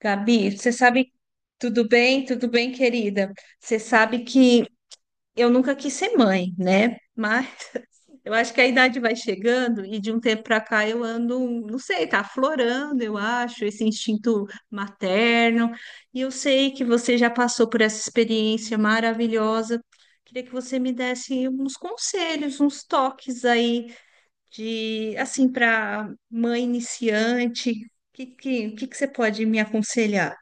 Gabi, você sabe, tudo bem? Tudo bem, querida? Você sabe que eu nunca quis ser mãe, né? Mas eu acho que a idade vai chegando e de um tempo para cá eu ando, não sei, tá aflorando, eu acho, esse instinto materno. E eu sei que você já passou por essa experiência maravilhosa. Queria que você me desse uns conselhos, uns toques aí de, assim, para mãe iniciante. O que que você pode me aconselhar?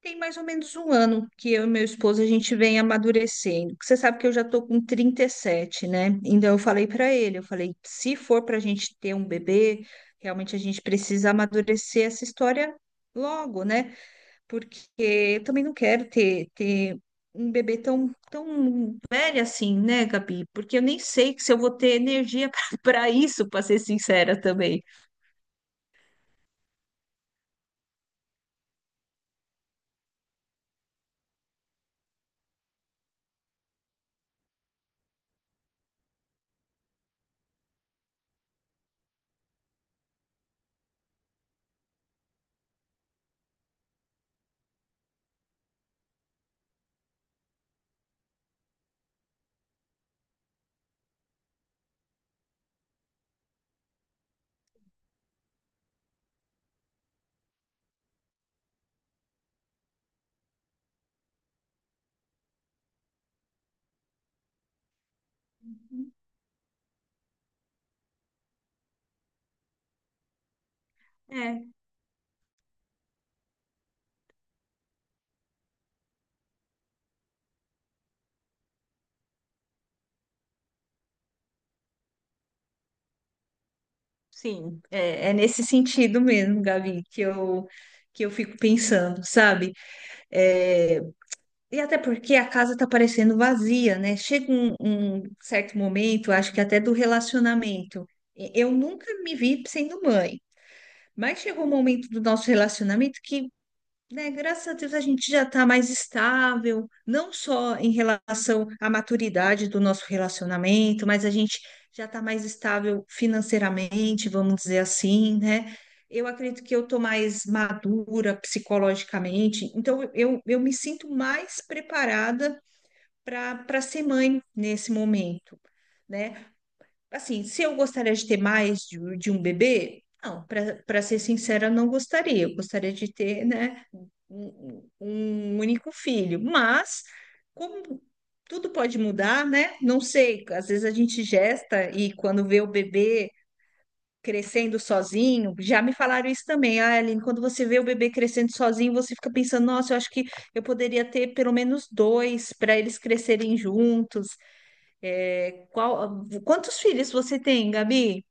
Tem mais ou menos um ano que eu e meu esposo a gente vem amadurecendo. Você sabe que eu já tô com 37, né? Então eu falei para ele, eu falei, se for para a gente ter um bebê, realmente a gente precisa amadurecer essa história logo, né? Porque eu também não quero ter um bebê tão, tão velho assim, né, Gabi? Porque eu nem sei se eu vou ter energia para isso, para ser sincera também. Sim, é nesse sentido mesmo, Gabi, que eu fico pensando, sabe? É, e até porque a casa tá parecendo vazia, né? Chega um certo momento, acho que até do relacionamento. Eu nunca me vi sendo mãe, mas chegou um momento do nosso relacionamento que né, graças a Deus a gente já está mais estável, não só em relação à maturidade do nosso relacionamento, mas a gente já está mais estável financeiramente, vamos dizer assim, né? Eu acredito que eu estou mais madura psicologicamente, então eu me sinto mais preparada para ser mãe nesse momento, né? Assim, se eu gostaria de ter mais de um bebê, não, para ser sincera, não gostaria. Eu gostaria de ter, né, um único filho. Mas, como tudo pode mudar, né? Não sei, às vezes a gente gesta e quando vê o bebê crescendo sozinho, já me falaram isso também. Ah, Aline, quando você vê o bebê crescendo sozinho, você fica pensando, nossa, eu acho que eu poderia ter pelo menos dois para eles crescerem juntos. É, quantos filhos você tem, Gabi?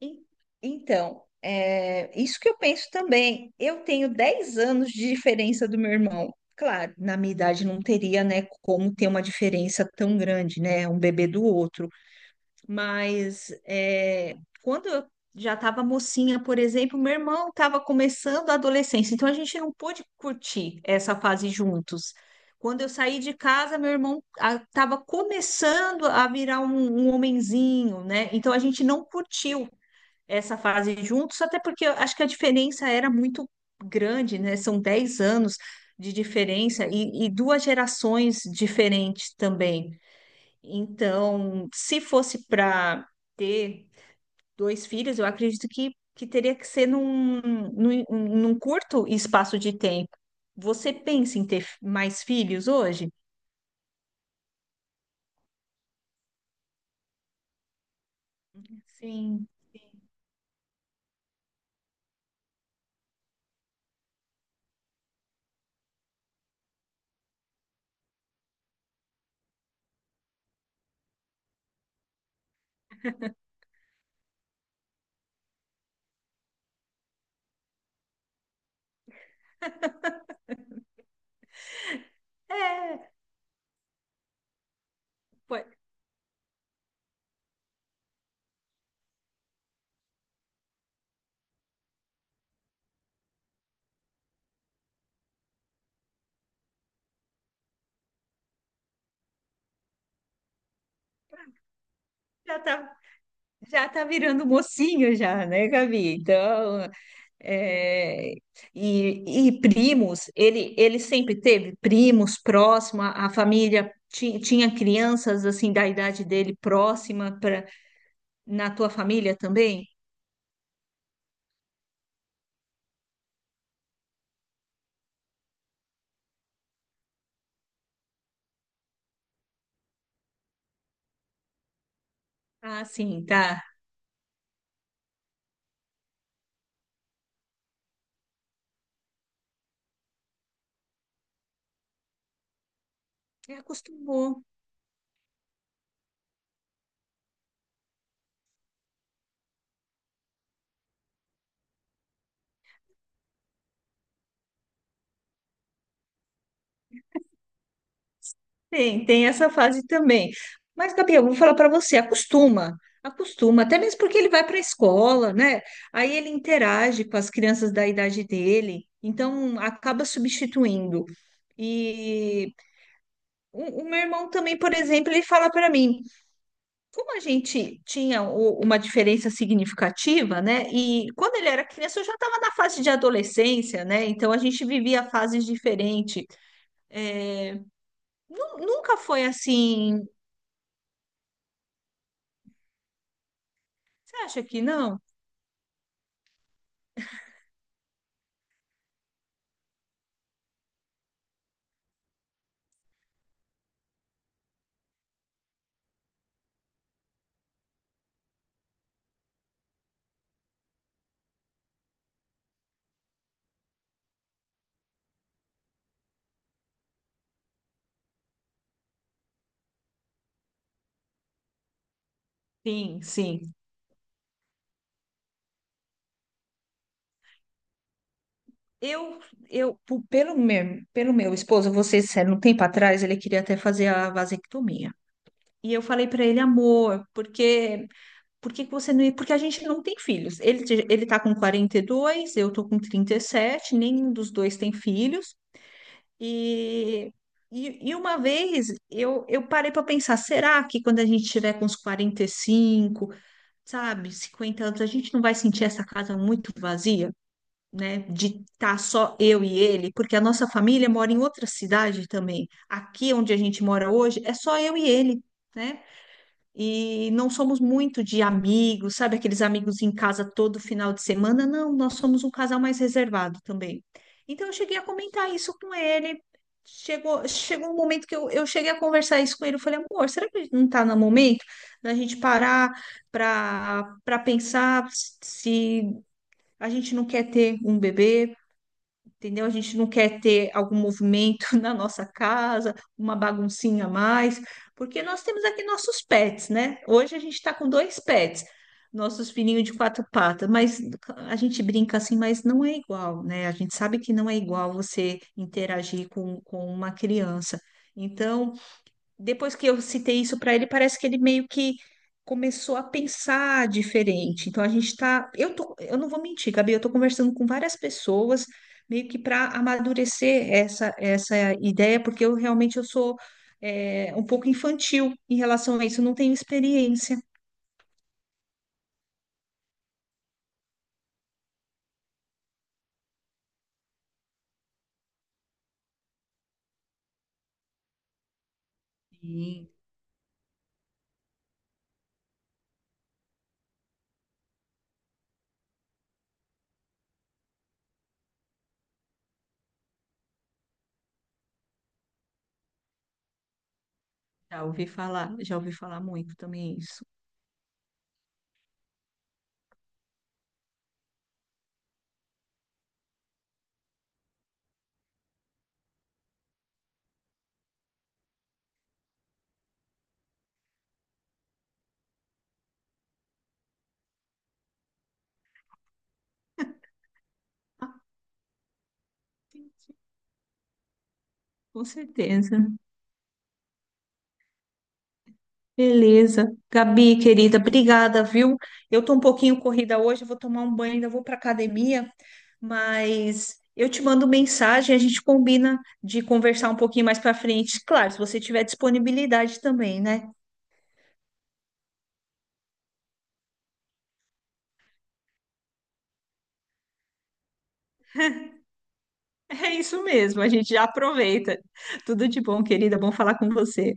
En- Então, é, isso que eu penso também. Eu tenho 10 anos de diferença do meu irmão. Claro, na minha idade não teria, né, como ter uma diferença tão grande, né, um bebê do outro. Mas é, quando eu já estava mocinha, por exemplo, meu irmão estava começando a adolescência, então a gente não pôde curtir essa fase juntos. Quando eu saí de casa, meu irmão estava começando a virar um homenzinho, né? Então a gente não curtiu essa fase juntos, até porque eu acho que a diferença era muito grande, né? São 10 anos de diferença e duas gerações diferentes também. Então, se fosse para ter dois filhos, eu acredito que teria que ser num curto espaço de tempo. Você pensa em ter mais filhos hoje? Sim. É, pô, já tá, já tá virando mocinho já, né, Gabi? Então, é, e primos, ele sempre teve primos próximo, a família tinha crianças assim da idade dele próxima. Na tua família também? Ah, sim, tá. É, acostumou. Tem essa fase também. Mas, Gabi, eu vou falar para você, acostuma, acostuma, até mesmo porque ele vai para a escola, né? Aí ele interage com as crianças da idade dele, então acaba substituindo. E o meu irmão também, por exemplo, ele fala para mim, como a gente tinha uma diferença significativa, né? E quando ele era criança, eu já estava na fase de adolescência, né? Então a gente vivia fases diferentes. Nunca foi assim. Você acha que não? Sim, sim. Eu, eu, pelo meu esposo, você sério, um tempo atrás, ele queria até fazer a vasectomia. E eu falei para ele, amor, por que que você não ia? Porque a gente não tem filhos. Ele tá com 42, eu tô com 37. Nenhum dos dois tem filhos. E, e uma vez eu parei para pensar, será que quando a gente tiver com uns 45 sabe, 50 anos, a gente não vai sentir essa casa muito vazia, né? De estar só eu e ele, porque a nossa família mora em outra cidade também. Aqui onde a gente mora hoje é só eu e ele, né? E não somos muito de amigos, sabe? Aqueles amigos em casa todo final de semana. Não, nós somos um casal mais reservado também. Então eu cheguei a comentar isso com ele. Chegou um momento que eu cheguei a conversar isso com ele. Eu falei, amor, será que não está no momento da gente parar para pensar se a gente não quer ter um bebê? Entendeu? A gente não quer ter algum movimento na nossa casa, uma baguncinha a mais, porque nós temos aqui nossos pets, né? Hoje a gente está com dois pets, nossos filhinhos de quatro patas, mas a gente brinca assim, mas não é igual, né? A gente sabe que não é igual você interagir com uma criança. Então, depois que eu citei isso para ele, parece que ele meio que começou a pensar diferente. Então a gente tá, eu tô, eu não vou mentir, Gabi, eu tô conversando com várias pessoas meio que para amadurecer essa ideia, porque eu realmente eu sou um pouco infantil em relação a isso, eu não tenho experiência. Sim, já ouvi falar muito também isso. Com certeza. Beleza. Gabi, querida, obrigada, viu? Eu tô um pouquinho corrida hoje, eu vou tomar um banho, ainda vou para academia, mas eu te mando mensagem, a gente combina de conversar um pouquinho mais para frente. Claro, se você tiver disponibilidade também, né? É isso mesmo, a gente já aproveita. Tudo de bom, querida, bom falar com você.